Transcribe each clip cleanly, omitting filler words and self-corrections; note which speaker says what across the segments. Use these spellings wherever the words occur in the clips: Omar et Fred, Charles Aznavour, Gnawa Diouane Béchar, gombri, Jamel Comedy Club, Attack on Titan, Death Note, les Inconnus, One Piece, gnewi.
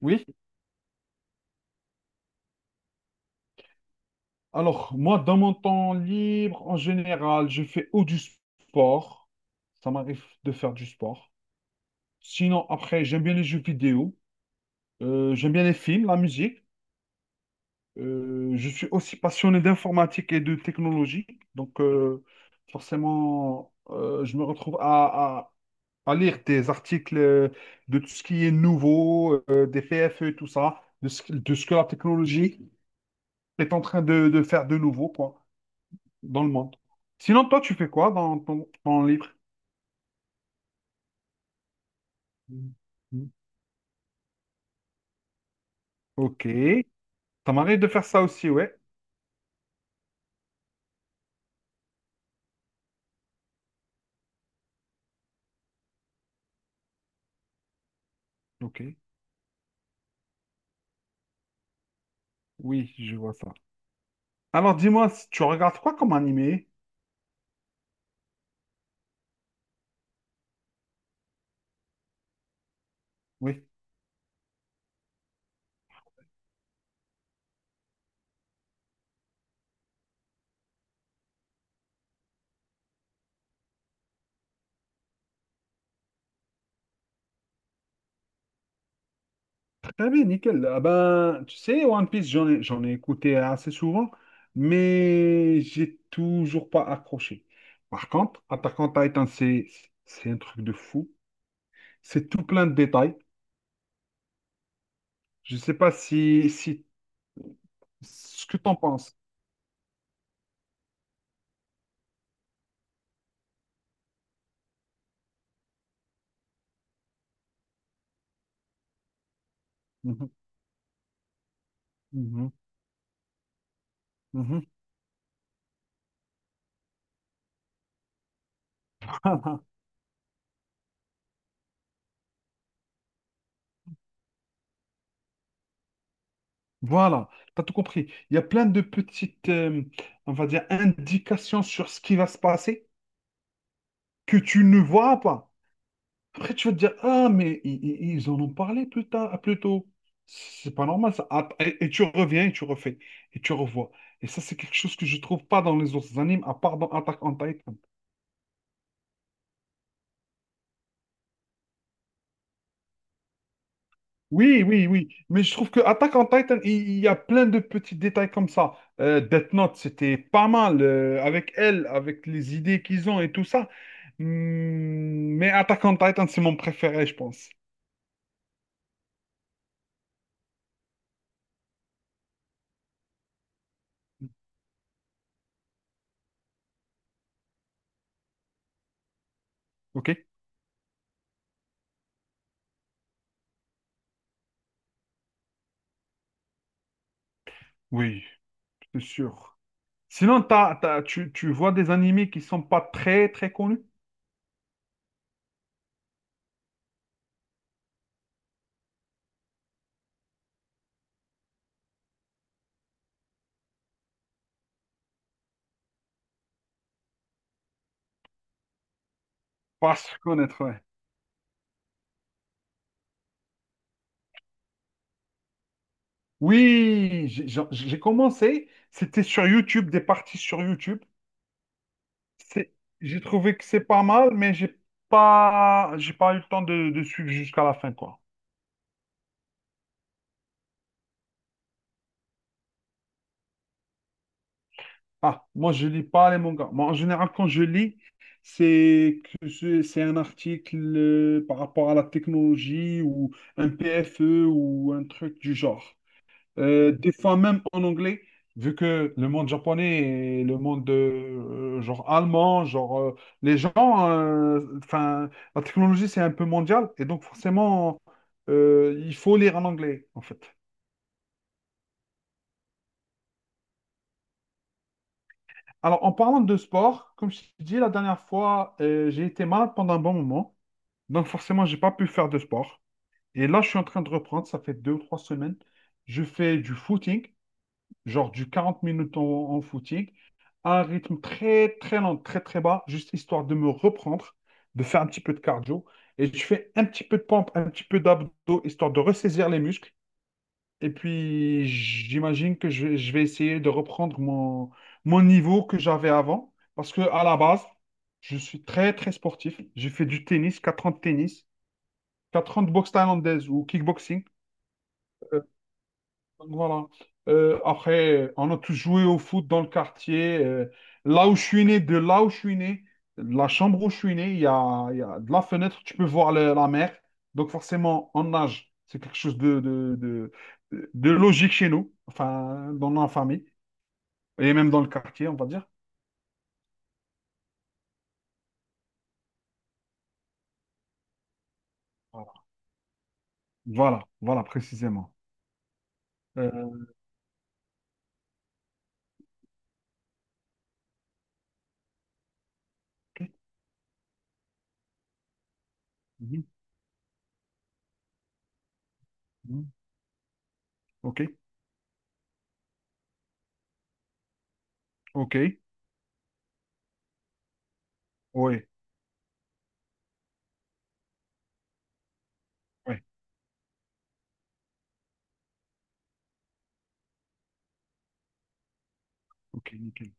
Speaker 1: Oui, alors moi, dans mon temps libre, en général, je fais ou du sport. Ça m'arrive de faire du sport. Sinon, après, j'aime bien les jeux vidéo. J'aime bien les films, la musique. Je suis aussi passionné d'informatique et de technologie. Donc, forcément, je me retrouve à lire des articles de tout ce qui est nouveau, des PFE, tout ça, de ce que la technologie est en train de faire de nouveau, quoi. Dans le monde. Sinon, toi, tu fais quoi dans ton temps libre? Mm. Mm. Ok. Ça m'arrive de faire ça aussi, ouais. Ok. Oui, je vois ça. Alors, dis-moi, si tu regardes quoi comme animé? Oui. Très bien, nickel. Ah ben, tu sais, One Piece, j'en ai écouté assez souvent, mais j'ai toujours pas accroché. Par contre, Attack on Titan, c'est un truc de fou. C'est tout plein de détails. Je sais pas si, si, ce que t'en penses. Mhm, mhm, mhm. Voilà, t'as tout compris. Il y a plein de petites, on va dire, indications sur ce qui va se passer que tu ne vois pas. Après, tu vas te dire, ah, mais ils en ont parlé plus tard, plus tôt. C'est pas normal, ça. Ah, et tu reviens et tu refais, et tu revois. Et ça, c'est quelque chose que je trouve pas dans les autres animes, à part dans Attack on Titan. Oui, oui, oui. Mais je trouve que Attack on Titan, il y a plein de petits détails comme ça. Death Note, c'était pas mal avec elle, avec les idées qu'ils ont et tout ça. Hmm, mais Attack on Titan, c'est mon préféré, je pense. OK? Oui, c'est sûr. Sinon, tu vois des animés qui sont pas très, très connus? Pas se connaître, ouais. Oui, j'ai commencé. C'était sur YouTube, des parties sur YouTube. C'est- J'ai trouvé que c'est pas mal, mais j'ai pas eu le temps de suivre jusqu'à la fin, quoi. Ah, moi, je lis pas les mangas. Moi, en général, quand je lis, c'est que c'est un article par rapport à la technologie ou un PFE ou un truc du genre. Des fois même en anglais, vu que le monde japonais et le monde genre allemand, genre les gens, enfin, la technologie c'est un peu mondial et donc forcément il faut lire en anglais en fait. Alors en parlant de sport, comme je t'ai dit la dernière fois, j'ai été malade pendant un bon moment, donc forcément j'ai pas pu faire de sport. Et là je suis en train de reprendre, ça fait 2 ou 3 semaines, je fais du footing. Genre du 40 minutes en footing, à un rythme très, très lent, très, très bas, juste histoire de me reprendre, de faire un petit peu de cardio. Et je fais un petit peu de pompe, un petit peu d'abdos, histoire de ressaisir les muscles. Et puis, j'imagine que je vais essayer de reprendre mon, niveau que j'avais avant. Parce que à la base, je suis très, très sportif. J'ai fait du tennis, 4 ans de tennis, 4 ans de boxe thaïlandaise ou kickboxing. Voilà. Après, on a tous joué au foot dans le quartier. Là où je suis né, de là où je suis né, de la chambre où je suis né, il y a de la fenêtre, tu peux voir la mer. Donc forcément, on nage. C'est quelque chose de logique chez nous, enfin, dans la famille, et même dans le quartier, on va dire. Voilà, voilà, voilà, précisément. Euh, ok, mhm, mhm, ok, ok, ouais, ouais, ok, nickel,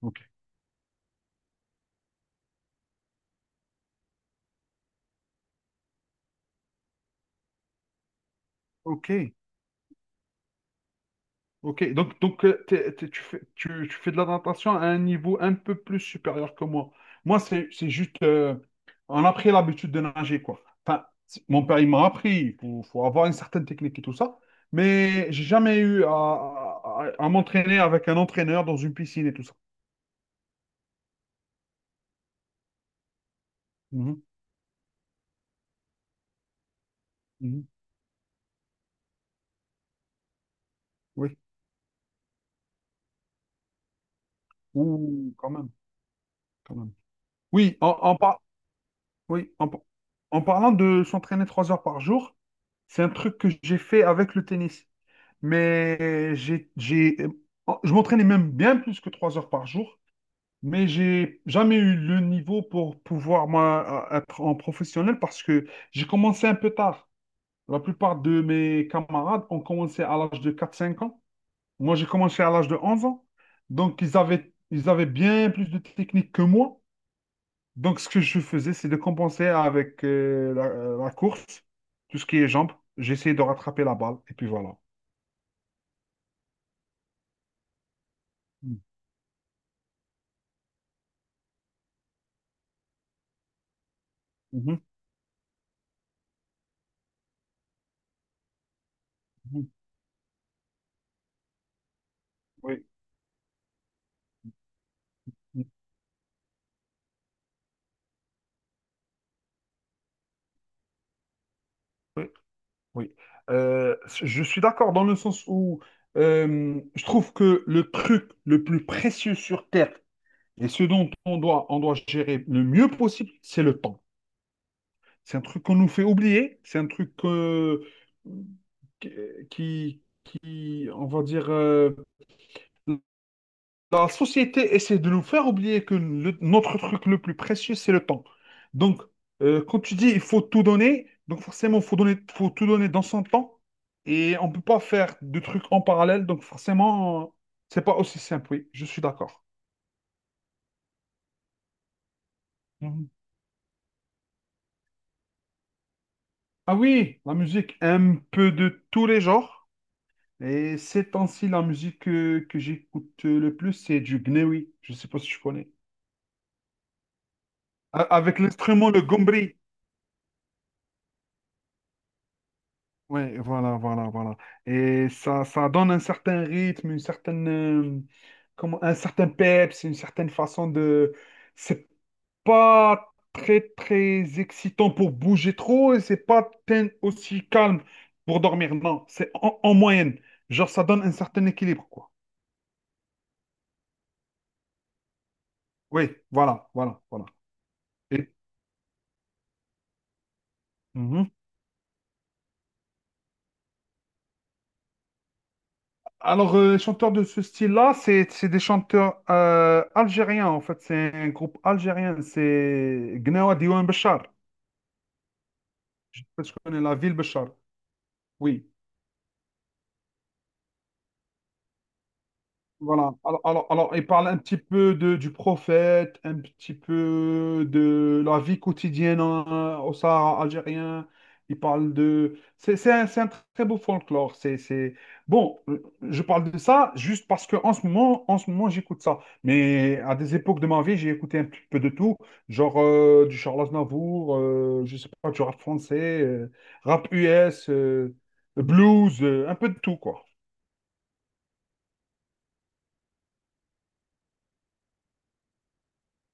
Speaker 1: ok, ok. Ok, donc, tu fais de la natation à un niveau un peu plus supérieur que moi. Moi, c'est juste, on a pris l'habitude de nager, quoi. Enfin, mon père, il m'a appris, il faut avoir une certaine technique et tout ça, mais j'ai jamais eu à m'entraîner avec un entraîneur dans une piscine et tout ça. Mhm, mhm, oui, Ouh, quand même, quand même. Oui, oui, en parlant de s'entraîner 3 heures par jour, c'est un truc que j'ai fait avec le tennis. Mais je m'entraînais même bien plus que 3 heures par jour, mais j'ai jamais eu le niveau pour pouvoir moi, être en professionnel parce que j'ai commencé un peu tard. La plupart de mes camarades ont commencé à l'âge de 4 5 ans. Moi, j'ai commencé à l'âge de 11 ans. Donc, ils avaient bien plus de technique que moi. Donc, ce que je faisais, c'est de compenser avec la course, tout ce qui est jambes. J'essayais de rattraper la balle, et puis voilà. Mhm. Mhm. Oui. Oui, oui. Euh, je suis d'accord dans le sens où je trouve que le truc le plus précieux sur Terre et ce dont on doit gérer le mieux possible, c'est le temps. C'est un truc qu'on nous fait oublier, c'est un truc qui, on va dire, la société essaie de nous faire oublier que notre truc le plus précieux, c'est le temps. Donc, quand tu dis il faut tout donner, donc forcément, faut tout donner dans son temps. Et on ne peut pas faire de trucs en parallèle. Donc, forcément, c'est pas aussi simple. Oui, je suis d'accord. Mhm. Ah oui, la musique, un peu de tous les genres. Et ces temps-ci, la musique que, j'écoute le plus, c'est du gnewi. Je ne sais pas si tu connais. Avec l'instrument, le gombri. Ouais, voilà, voilà, voilà. Et ça donne un certain rythme, une certaine, comment, un certain peps, une certaine façon de. C'est pas très, très excitant pour bouger trop et c'est pas aussi calme pour dormir. Non, c'est en moyenne. Genre, ça donne un certain équilibre, quoi. Oui, voilà, voilà, voilà. Et- Mhm. Alors, les chanteurs de ce style-là, c'est des chanteurs algériens, en fait. C'est un groupe algérien. C'est Gnawa Diouane Béchar. Je sais pas si tu connais la ville Béchar. Oui, voilà. Alors, il parle un petit peu du prophète, un petit peu de la vie quotidienne au Sahara algérien. C'est un très beau folklore. Bon, je parle de ça juste parce que en ce moment, j'écoute ça. Mais à des époques de ma vie, j'ai écouté un petit peu de tout, genre du Charles Aznavour, je sais pas, du rap français, rap US, blues, un peu de tout, quoi.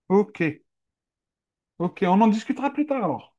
Speaker 1: Ok, ok, on en discutera plus tard alors.